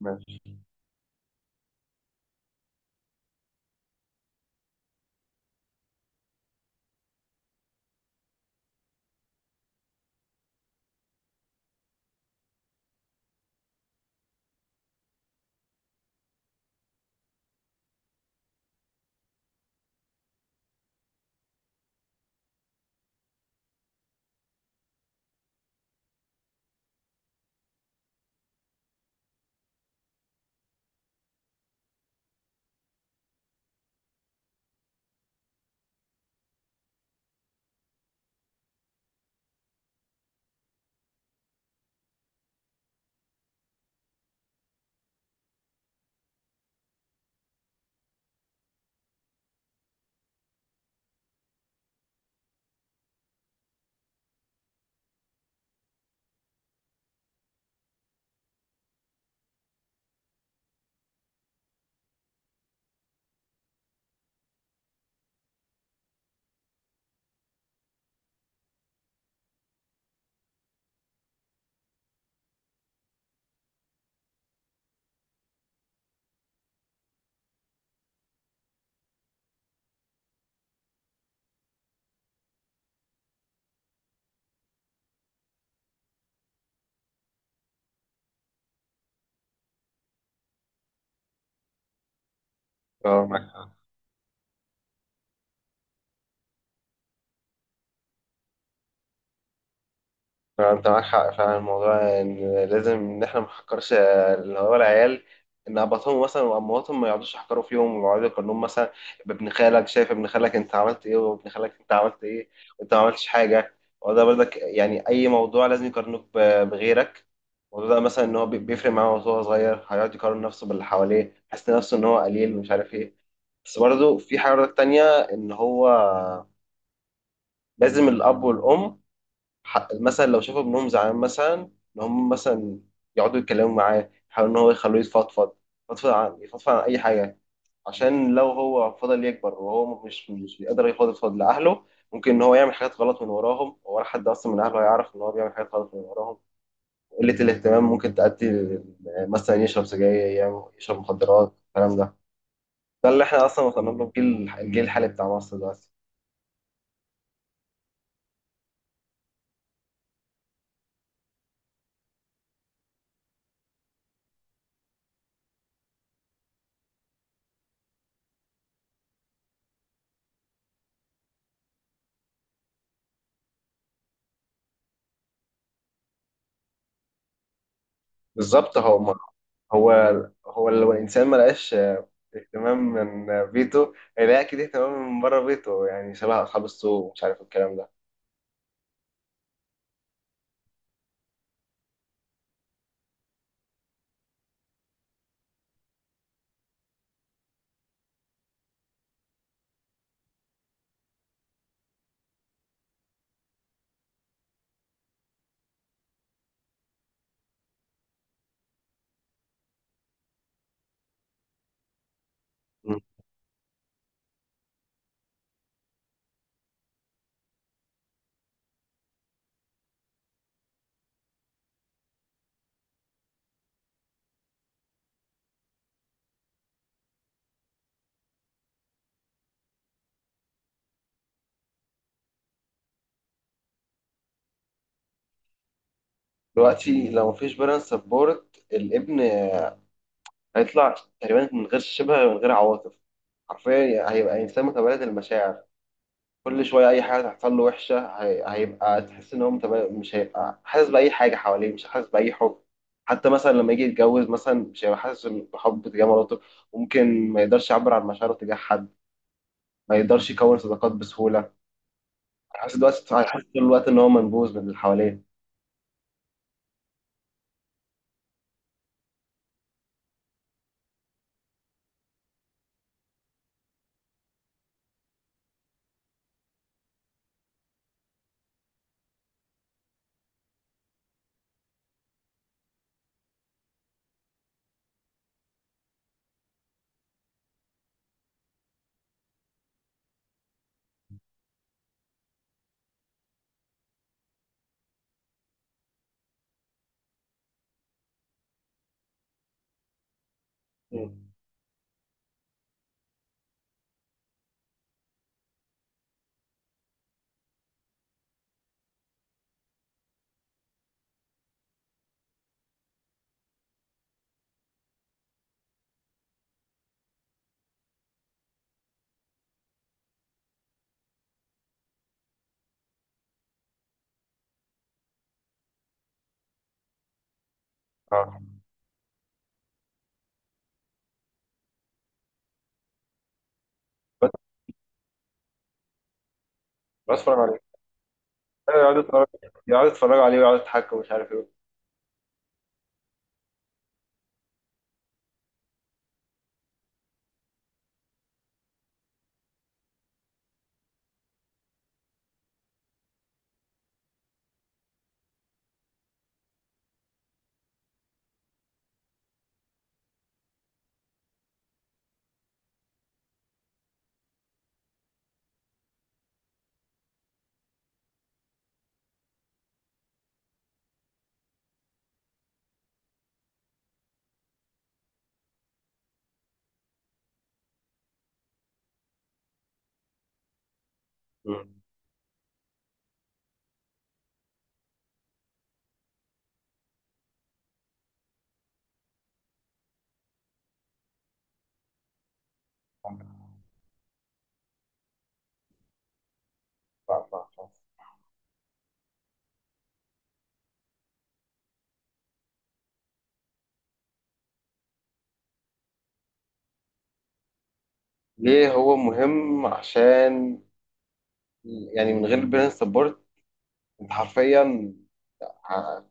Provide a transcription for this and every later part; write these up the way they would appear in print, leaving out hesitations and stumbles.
ماشي. اه، معاك حق. فعلا، انت معاك حق فعلا. الموضوع ان لازم ان احنا ما نحكرش، اللي هو العيال، ان اباطهم مثلا وامهاتهم ما يقعدوش يحكروا فيهم ويقعدوا يقارنوهم مثلا بابن خالك. شايف ابن خالك انت عملت ايه، وابن خالك انت عملت ايه، وانت ما عملتش حاجه. وده برضك يعني اي موضوع لازم يقارنوك بغيرك. الموضوع ده مثلا ان هو بيفرق معاه وهو صغير، هيقعد يقارن نفسه باللي حواليه، حاسس نفسه ان هو قليل ومش عارف ايه. بس برضه في حاجه برضك تانية، ان هو لازم الاب والام مثلا لو شافوا ابنهم زعلان، مثلا ان هم مثلا يقعدوا يتكلموا معاه، يحاولوا ان هو يخلوه يفضفض. يفضفض عن اي حاجه. عشان لو هو فضل يكبر وهو مش بيقدر يفضفض لاهله، ممكن ان هو يعمل حاجات غلط من وراهم، ولا حد اصلا من اهله هيعرف ان هو بيعمل حاجات غلط من وراهم. قله الاهتمام ممكن تؤدي مثلا يشرب سجاير، يشرب مخدرات، الكلام ده. ده اللي احنا اصلا وصلنا له في الجيل الحالي بتاع مصر دلوقتي. بالظبط. هو هو لو الانسان ما لقاش اهتمام من بيته، هيلاقي اكيد اهتمام من بره بيته، يعني شبه اصحاب السوق ومش عارف الكلام ده. مم. دلوقتي لو مفيش بيرنس سبورت، الابن هيطلع تقريبا من غير شبه، من غير عواطف. حرفيا هيبقى انسان متبلد المشاعر. كل شويه اي حاجه تحصل له وحشه، هيبقى تحس ان هو متبلد، مش هيبقى حاسس باي حاجه حواليه، مش حاسس باي حب. حتى مثلا لما يجي يتجوز مثلا، مش هيبقى حاسس بحب تجاه مراته. ممكن ما يقدرش يعبر عن مشاعره تجاه حد، ما يقدرش يكون صداقات بسهوله. أنا حاسس طول الوقت إن هو منبوذ من اللي حواليه. مم. اه. بس بس اتفرج عليه. أيوة، يقعد يتفرج عليه ويقعد يضحك ومش عارف إيه. مم. صح، صح، صح. ليه هو مهم؟ عشان يعني من غير البرين سبورت، أنت حرفيا ه-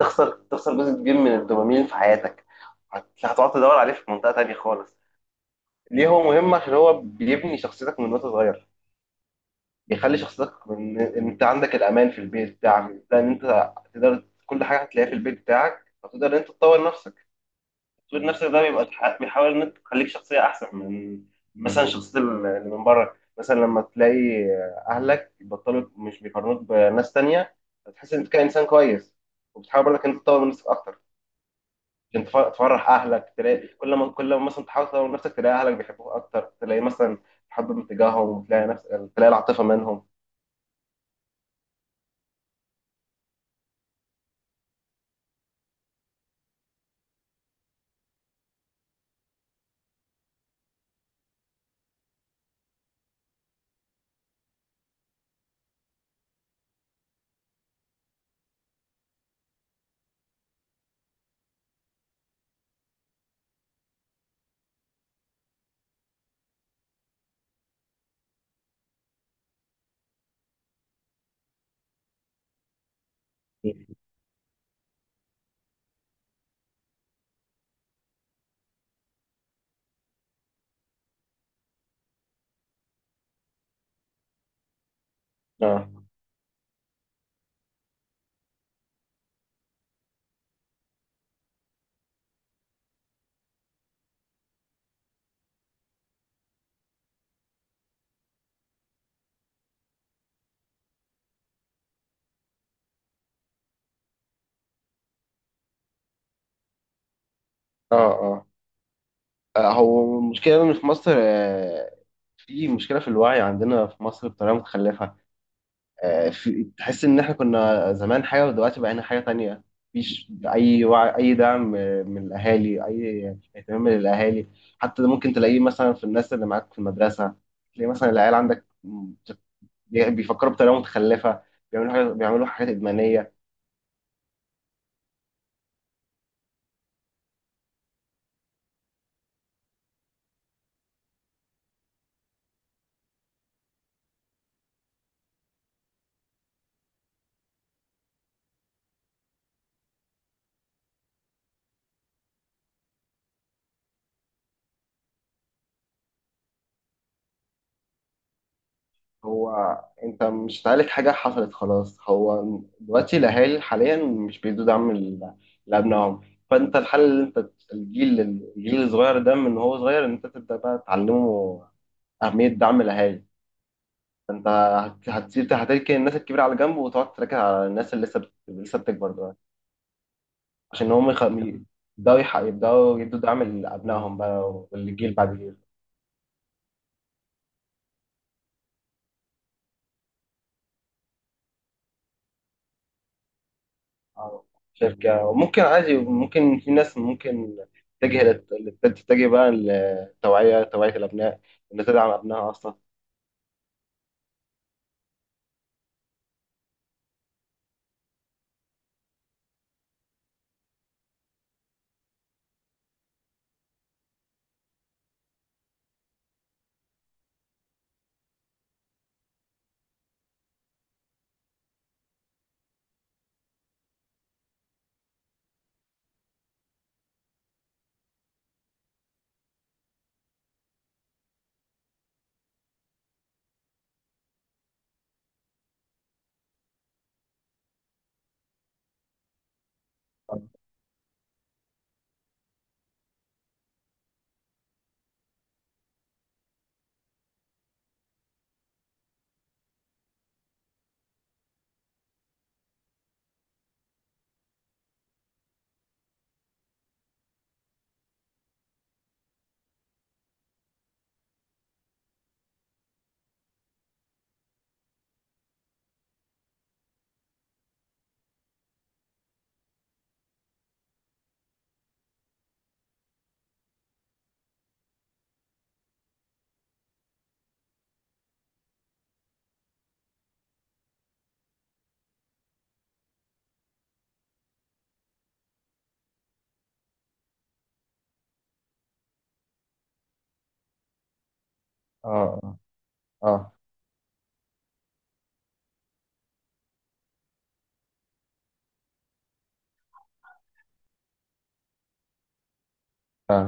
تخسر جزء كبير من الدوبامين في حياتك. هتقعد تدور عليه في منطقة تانية خالص. ليه هو مهم؟ عشان هو بيبني شخصيتك من وانت صغير. بيخلي شخصيتك من ان انت عندك الامان في البيت بتاعك ده، ان انت تقدر كل حاجه هتلاقيها في البيت بتاعك، فتقدر ان انت تطور نفسك. تطوير نفسك ده بيبقى بيحاول ان انت تخليك شخصيه احسن من مثلا شخصيه اللي من بره. مثلا لما تلاقي اهلك بيبطلوا مش بيقارنوك بناس تانية، هتحس ان انت كانسان كويس، وبتحاول برضك ان انت تطور من نفسك اكتر. عشان تفرح اهلك، تلاقي كل ما مثلا تحاول تطور من نفسك، تلاقي اهلك بيحبوك اكتر. تلاقي مثلا تحب من تجاههم، تلاقي نفسك، تلاقي العاطفه منهم. اه، اه، اه. هو المشكلة إن في مصر، في مشكلة في الوعي عندنا في مصر بطريقة متخلفة. في تحس إن إحنا كنا زمان حاجة ودلوقتي بقينا حاجة تانية. مفيش أي وعي، أي دعم من الأهالي، أي اهتمام من الأهالي. حتى ده ممكن تلاقيه مثلا في الناس اللي معاك في المدرسة، تلاقي مثلا العيال عندك بيفكروا بطريقة متخلفة، بيعملوا حاجات إدمانية. هو انت مش هتعالج حاجه حصلت خلاص. هو دلوقتي الاهالي حاليا مش بيدوا دعم لابنائهم. فانت الحل، اللي انت، الجيل، الصغير ده من هو صغير ان انت تبدا بقى تعلمه اهميه دعم الاهالي. فانت هتركن الناس الكبيره على جنب، وتقعد تركز على الناس اللي لسه بتكبر دلوقتي، عشان هم يبداوا يدوا دعم لابنائهم بقى، والجيل بعد الجيل. آه. شركة، وممكن عادي، ممكن في ناس ممكن تتجه بقى للتوعية، توعية الأبناء، إن تدعم أبنائها أصلا. اه، اه، اه.